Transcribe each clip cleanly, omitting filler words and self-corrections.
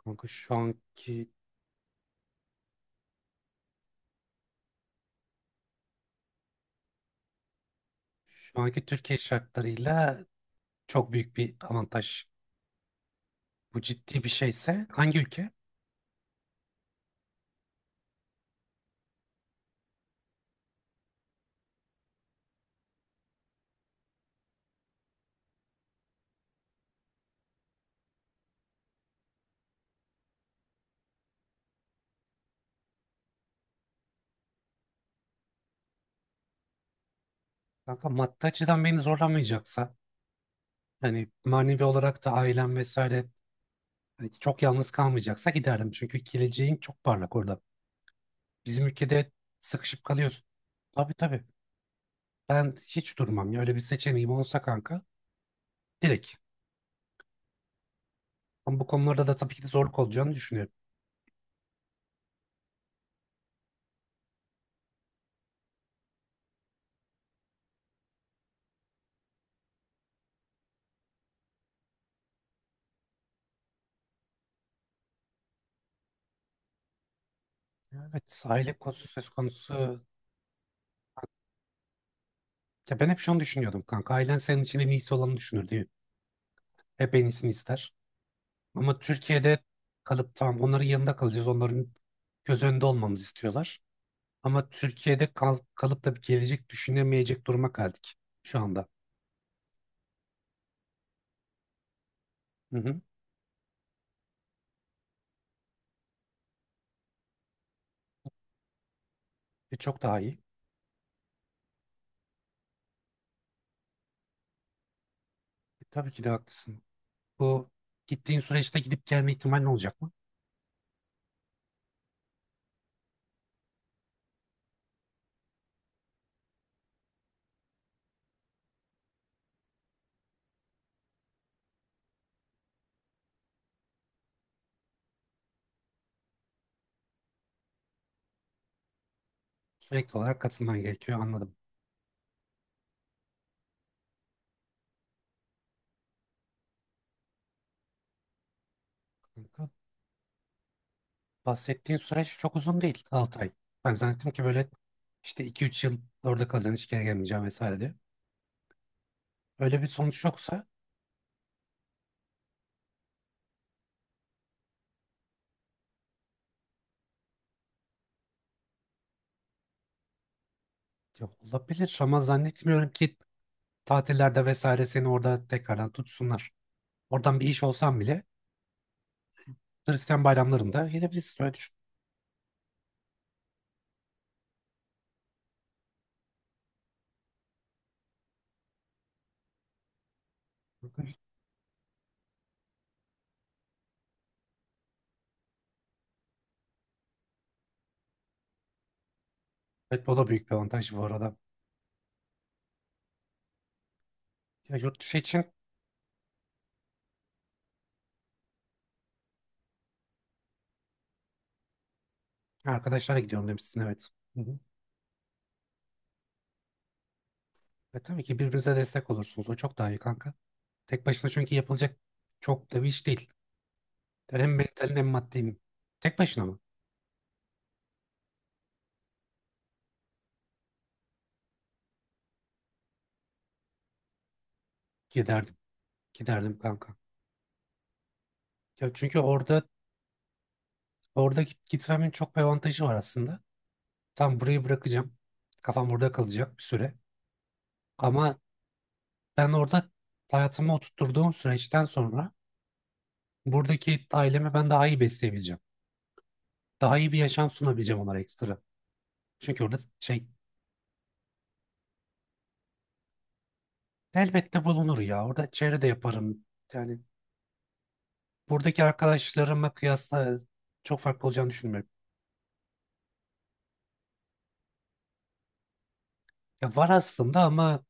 Kanka şu anki Türkiye şartlarıyla çok büyük bir avantaj. Bu ciddi bir şeyse hangi ülke? Kanka maddi açıdan beni zorlamayacaksa yani manevi olarak da ailem vesaire hani çok yalnız kalmayacaksa giderdim. Çünkü geleceğin çok parlak orada. Bizim ülkede sıkışıp kalıyorsun. Tabii, tabii. Ben hiç durmam ya. Öyle bir seçeneğim olsa kanka, direkt. Ama bu konularda da tabii ki de zorluk olacağını düşünüyorum. Evet, aile konusu söz konusu. Ya ben hep şunu düşünüyordum kanka. Ailen senin için en iyisi olanı düşünür diye. Hep en iyisini ister. Ama Türkiye'de kalıp tamam onların yanında kalacağız. Onların göz önünde olmamızı istiyorlar. Ama Türkiye'de kalıp da bir gelecek düşünemeyecek duruma geldik şu anda. Hı hı. E, çok daha iyi. E, tabii ki de haklısın. Bu gittiğin süreçte gidip gelme ihtimalin olacak mı? Sürekli olarak katılman gerekiyor, anladım. Kanka, bahsettiğin süreç çok uzun değil. 6 ay. Ben zannettim ki böyle işte 2 3 yıl orada kalacaksın, hiç geri gelmeyeceğim vesaire diye. Öyle bir sonuç yoksa ya, olabilir ama zannetmiyorum ki tatillerde vesaire seni orada tekrardan tutsunlar. Oradan bir iş olsan bile Hristiyan bayramlarında gelebilirsin. Öyle düşün. Evet, bu da büyük bir avantaj bu arada. Ya yurt dışı için arkadaşlara gidiyorum demişsin, evet. Hı hı. E, tabii ki birbirinize destek olursunuz. O çok daha iyi kanka. Tek başına çünkü yapılacak çok da bir iş değil. Yani hem mentalin hem maddin. Tek başına mı? Giderdim. Giderdim kanka. Ya çünkü orada gitmemin çok bir avantajı var aslında. Tam burayı bırakacağım. Kafam burada kalacak bir süre. Ama ben orada hayatımı oturtturduğum süreçten sonra buradaki ailemi ben daha iyi besleyebileceğim. Daha iyi bir yaşam sunabileceğim onlara, ekstra. Çünkü orada şey elbette bulunur ya. Orada çevre de yaparım. Yani buradaki arkadaşlarıma kıyasla çok farklı olacağını düşünmüyorum. Ya var aslında ama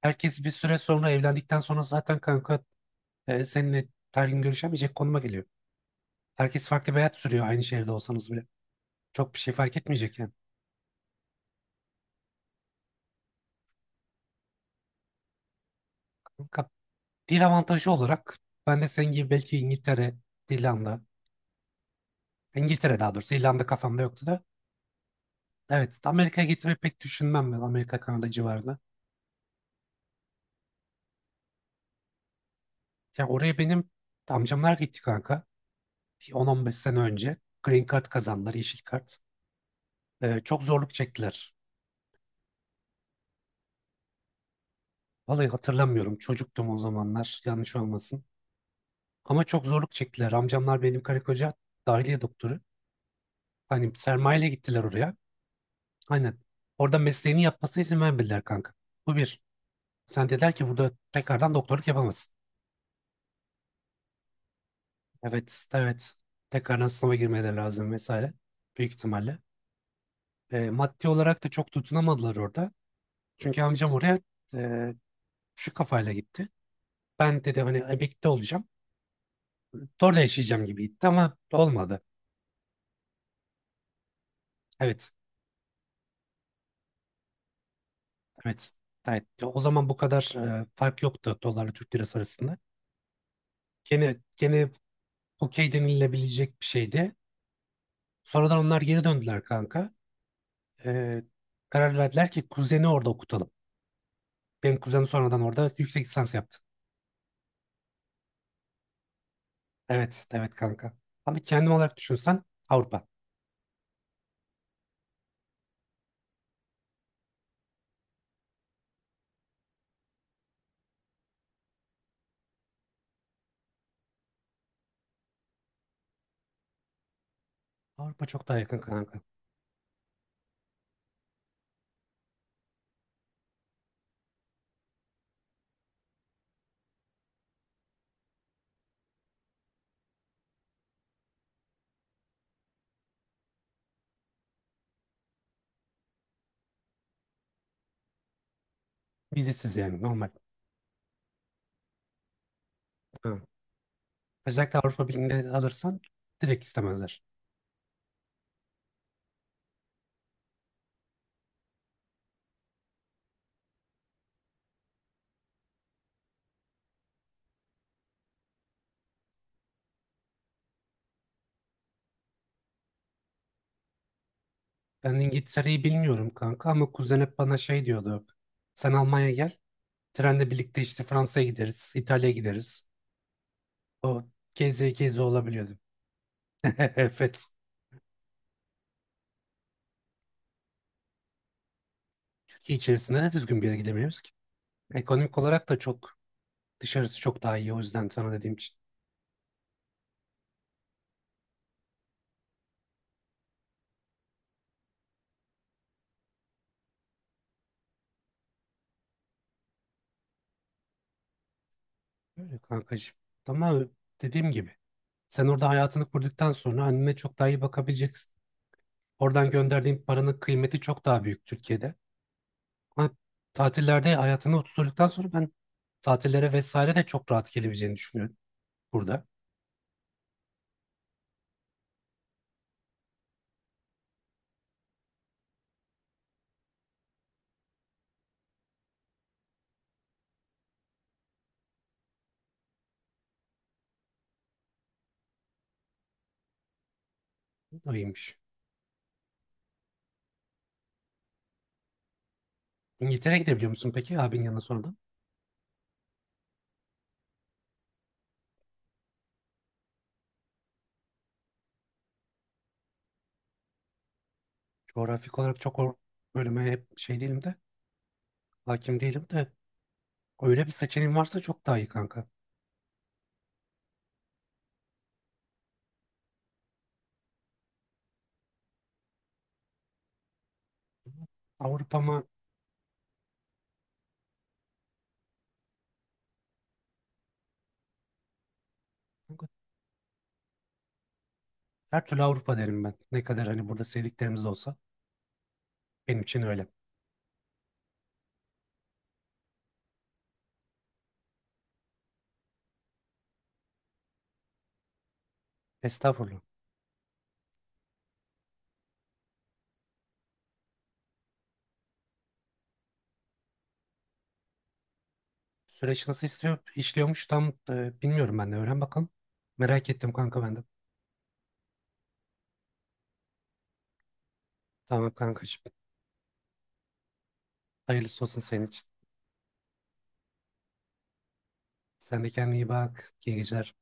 herkes bir süre sonra evlendikten sonra zaten kanka, seninle her gün görüşemeyecek konuma geliyor. Herkes farklı bir hayat sürüyor aynı şehirde olsanız bile. Çok bir şey fark etmeyecek yani. Ka- Dil avantajı olarak ben de senin gibi belki İngiltere, İrlanda, İngiltere, daha doğrusu İrlanda kafamda yoktu da. Evet, Amerika'ya gitmeyi pek düşünmem ben, Amerika Kanada civarına. Ya oraya benim amcamlar gitti kanka. 10-15 sene önce Green Card kazandılar, yeşil kart. Çok zorluk çektiler. Vallahi hatırlamıyorum, çocuktum o zamanlar, yanlış olmasın. Ama çok zorluk çektiler. Amcamlar benim, karı koca dahiliye doktoru. Hani sermayeyle gittiler oraya. Aynen. Orada mesleğini yapmasına izin vermediler kanka. Bu bir. Sen dediler ki, burada tekrardan doktorluk yapamazsın. Evet, evet. Tekrardan sınava girmeleri lazım vesaire. Büyük ihtimalle. E, maddi olarak da çok tutunamadılar orada. Çünkü amcam oraya e, şu kafayla gitti. Ben dedi hani, emekli olacağım. Orada yaşayacağım gibi gitti ama olmadı. Evet, evet. Evet. O zaman bu kadar fark yoktu dolarla Türk lirası arasında. Gene okey denilebilecek bir şeydi. Sonradan onlar geri döndüler kanka. E, karar verdiler ki kuzeni orada okutalım. Benim kuzenim sonradan orada yüksek lisans yaptı. Evet, evet kanka. Ama kendim olarak düşünsen Avrupa. Avrupa çok daha yakın kanka. Vizesiz yani, normal. Ha. Özellikle Avrupa Birliği'nde alırsan direkt istemezler. Ben İngiltere'yi bilmiyorum kanka ama kuzen hep bana şey diyordu. Sen Almanya'ya gel. Trenle birlikte işte Fransa'ya gideriz, İtalya'ya gideriz. O, gezi gezi olabiliyordu. Evet. Türkiye içerisinde de düzgün bir yere gidemiyoruz ki. Ekonomik olarak da çok, dışarısı çok daha iyi o yüzden sana dediğim. Öyle kankacığım. Ama dediğim gibi sen orada hayatını kurduktan sonra annene çok daha iyi bakabileceksin. Oradan gönderdiğin paranın kıymeti çok daha büyük Türkiye'de. Ama tatillerde hayatını oturduktan sonra ben, tatillere vesaire de çok rahat gelebileceğini düşünüyorum burada. Bu da iyiymiş. İngiltere'ye gidebiliyor musun peki abinin yanına sonradan? Coğrafik olarak çok, bölüme hep şey değilim de hakim değilim de, öyle bir seçeneğin varsa çok daha iyi kanka. Avrupa mı? Her türlü Avrupa derim ben. Ne kadar hani burada sevdiklerimiz de olsa, benim için öyle. Estağfurullah. Süreç nasıl işliyormuş tam, bilmiyorum ben de. Öğren bakalım. Merak ettim kanka ben de. Tamam kankacığım. Hayırlısı olsun senin için. Sen de kendine iyi bak. İyi geceler.